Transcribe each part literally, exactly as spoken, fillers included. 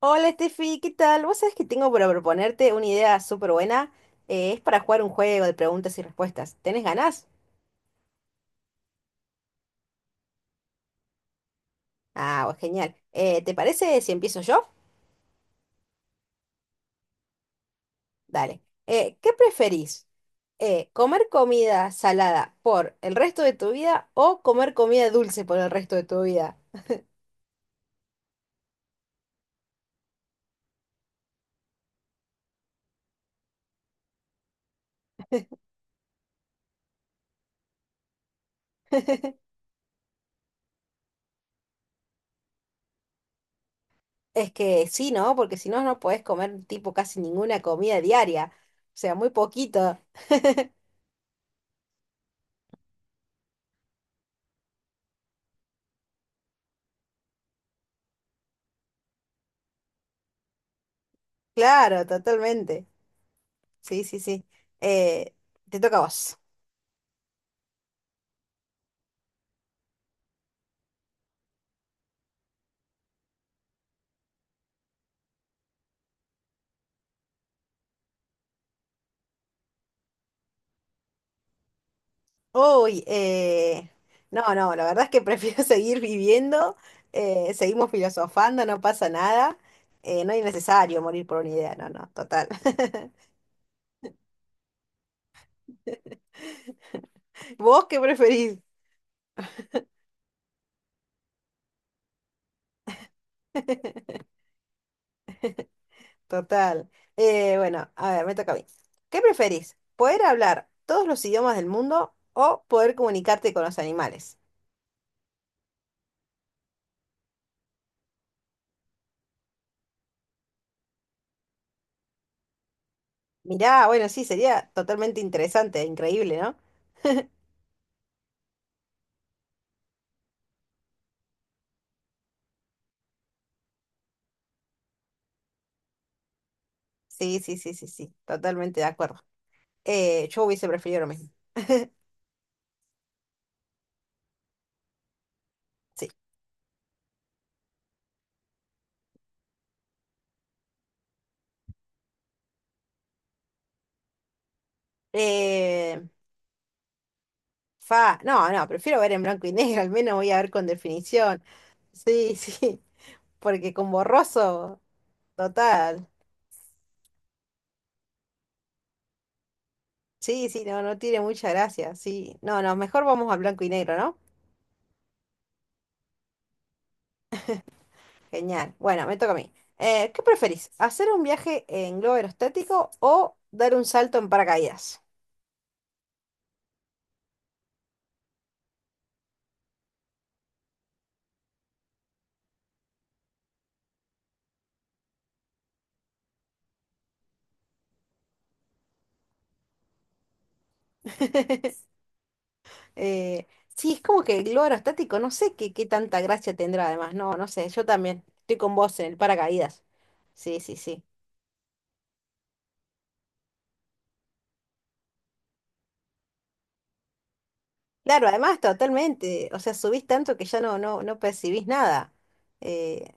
Hola Steffi, ¿qué tal? Vos sabés que tengo para proponerte una idea súper buena. Eh, es para jugar un juego de preguntas y respuestas. ¿Tenés ganas? Ah, bueno, genial. Eh, ¿te parece si empiezo yo? Dale. Eh, ¿qué preferís? Eh, ¿comer comida salada por el resto de tu vida o comer comida dulce por el resto de tu vida? Es que sí, ¿no? Porque si no, no podés comer tipo casi ninguna comida diaria. O sea, muy poquito. Claro, totalmente. Sí, sí, sí. Eh, Te toca a vos. Uy, eh, no, no, la verdad es que prefiero seguir viviendo, eh, seguimos filosofando, no pasa nada, eh, no es necesario morir por una idea, no, no, total. ¿Vos qué preferís? Total. Eh, bueno, a ver, me toca a mí. ¿Qué preferís? ¿Poder hablar todos los idiomas del mundo o poder comunicarte con los animales? Mirá, bueno, sí, sería totalmente interesante, e increíble, ¿no? Sí, sí, sí, sí, sí, totalmente de acuerdo. Eh, yo hubiese preferido lo mismo. Sí. Eh, fa, no, no, prefiero ver en blanco y negro, al menos voy a ver con definición. Sí, sí, porque con borroso, total. Sí, sí, no, no tiene mucha gracia, sí. No, no, mejor vamos a blanco y negro, ¿no? Genial. Bueno, me toca a mí. Eh, ¿qué preferís? ¿Hacer un viaje en globo aerostático o dar un salto en paracaídas? Eh, sí, es como que el globo aerostático, no sé qué, qué tanta gracia tendrá además, no, no sé, yo también estoy con vos en el paracaídas. Sí, sí, sí. Claro, además totalmente, o sea, subís tanto que ya no, no, no percibís nada. Eh,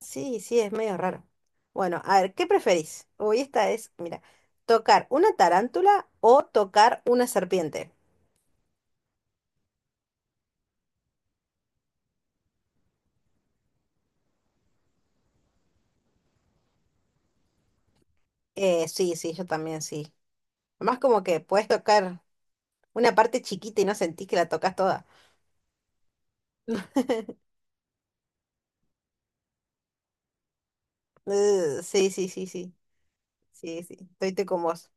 sí, sí, es medio raro. Bueno, a ver, ¿qué preferís? Uy, esta es, mira, tocar una tarántula o tocar una serpiente. Eh, sí, sí, yo también sí. Además como que puedes tocar una parte chiquita y no sentís que la tocas toda. Eh, sí, sí, sí, sí, sí, sí, estoy, estoy con vos.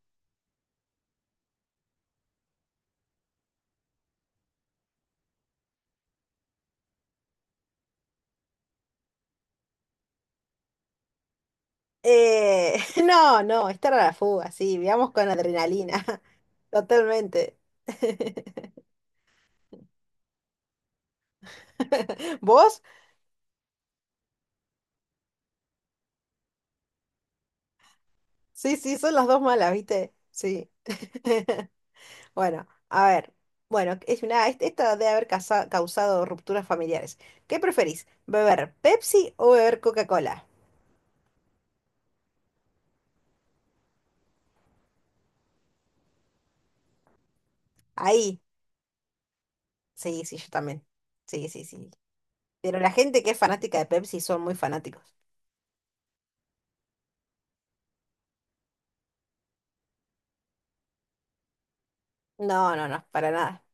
Eh, no, no, esta era la fuga, sí, veamos con adrenalina, totalmente. ¿Vos? Sí, sí, son las dos malas, ¿viste? Sí. Bueno, a ver. Bueno, es una, est- esta debe haber casa- causado rupturas familiares. ¿Qué preferís? ¿Beber Pepsi o beber Coca-Cola? Ahí. Sí, sí, yo también. Sí, sí, sí. Pero la gente que es fanática de Pepsi son muy fanáticos. No, no, no, para nada.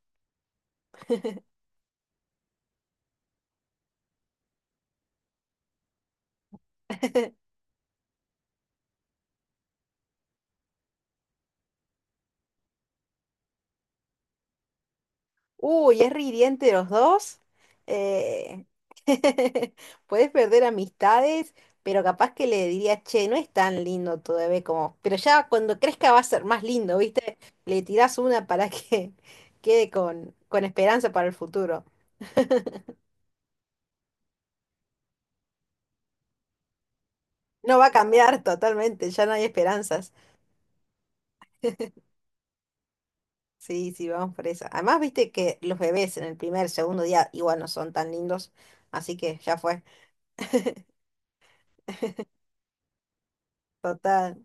Uy, es ridiente los dos. Eh, Puedes perder amistades, pero capaz que le diría, che, no es tan lindo tu bebé como. Pero ya cuando crezca va a ser más lindo, ¿viste? Le tirás una para que quede con, con esperanza para el futuro. No va a cambiar totalmente, ya no hay esperanzas. Sí, sí, vamos por esa. Además, viste que los bebés en el primer, segundo día igual no son tan lindos, así que ya fue. Total.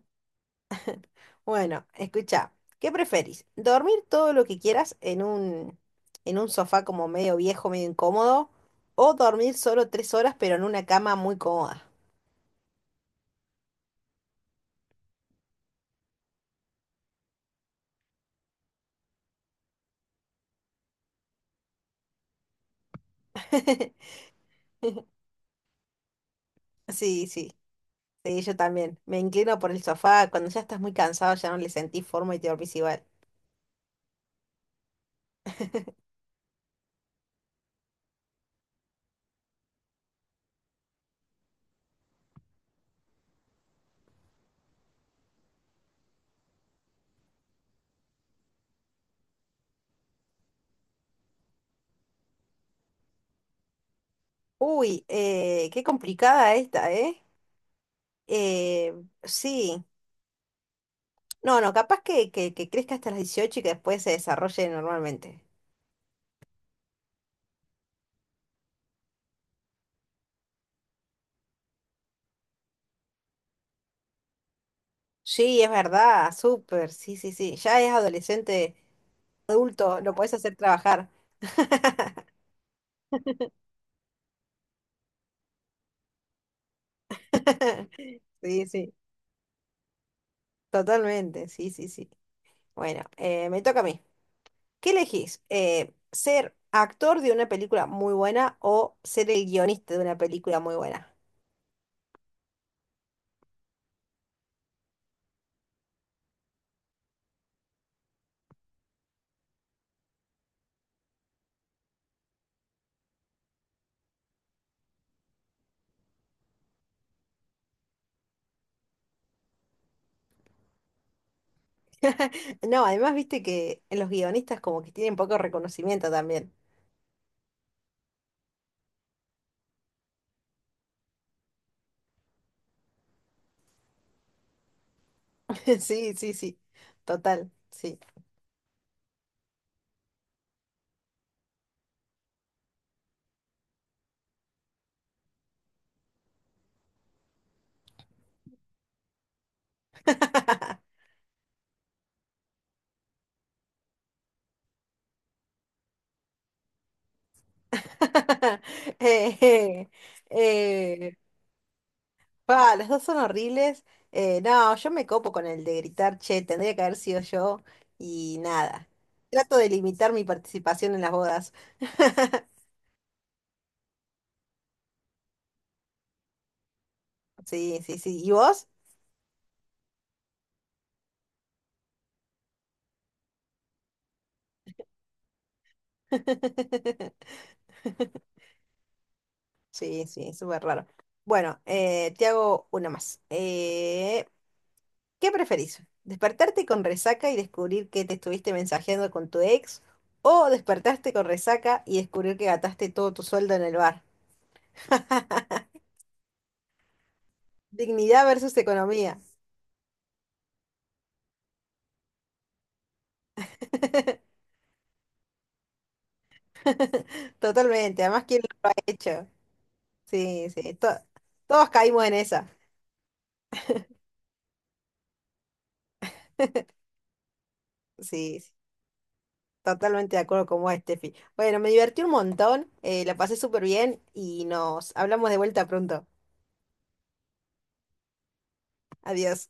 Bueno, escucha, ¿qué preferís? ¿Dormir todo lo que quieras en un, en un sofá como medio viejo, medio incómodo? ¿O dormir solo tres horas pero en una cama muy cómoda? Sí, sí, sí, yo también. Me inclino por el sofá. Cuando ya estás muy cansado ya no le sentís forma y te dormís igual. Uy, eh, qué complicada esta, ¿eh? Eh, sí. No, no, capaz que, que, que crezca hasta las dieciocho y que después se desarrolle normalmente. Sí, es verdad, súper, sí, sí, sí. Ya es adolescente, adulto, lo puedes hacer trabajar. Sí, sí, totalmente, sí, sí, sí. Bueno, eh, me toca a mí. ¿Qué elegís? Eh, ¿ser actor de una película muy buena o ser el guionista de una película muy buena? No, además viste que los guionistas como que tienen poco reconocimiento también. Sí, sí, sí. Total, sí. Eh, eh, pa, los dos son horribles. Eh, no, yo me copo con el de gritar, che, tendría que haber sido yo y nada. Trato de limitar mi participación en las bodas. Sí, sí, sí. ¿Y vos? Sí, sí, súper raro. Bueno, eh, te hago una más. Eh, ¿Qué preferís? ¿Despertarte con resaca y descubrir que te estuviste mensajeando con tu ex? ¿O despertarte con resaca y descubrir que gastaste todo tu sueldo en el bar? Dignidad versus economía. Totalmente. Además, ¿quién lo ha hecho? Sí, sí. To- todos caímos en esa. Sí, sí. Totalmente de acuerdo con vos, Steffi. Bueno, me divertí un montón, eh, la pasé súper bien y nos hablamos de vuelta pronto. Adiós.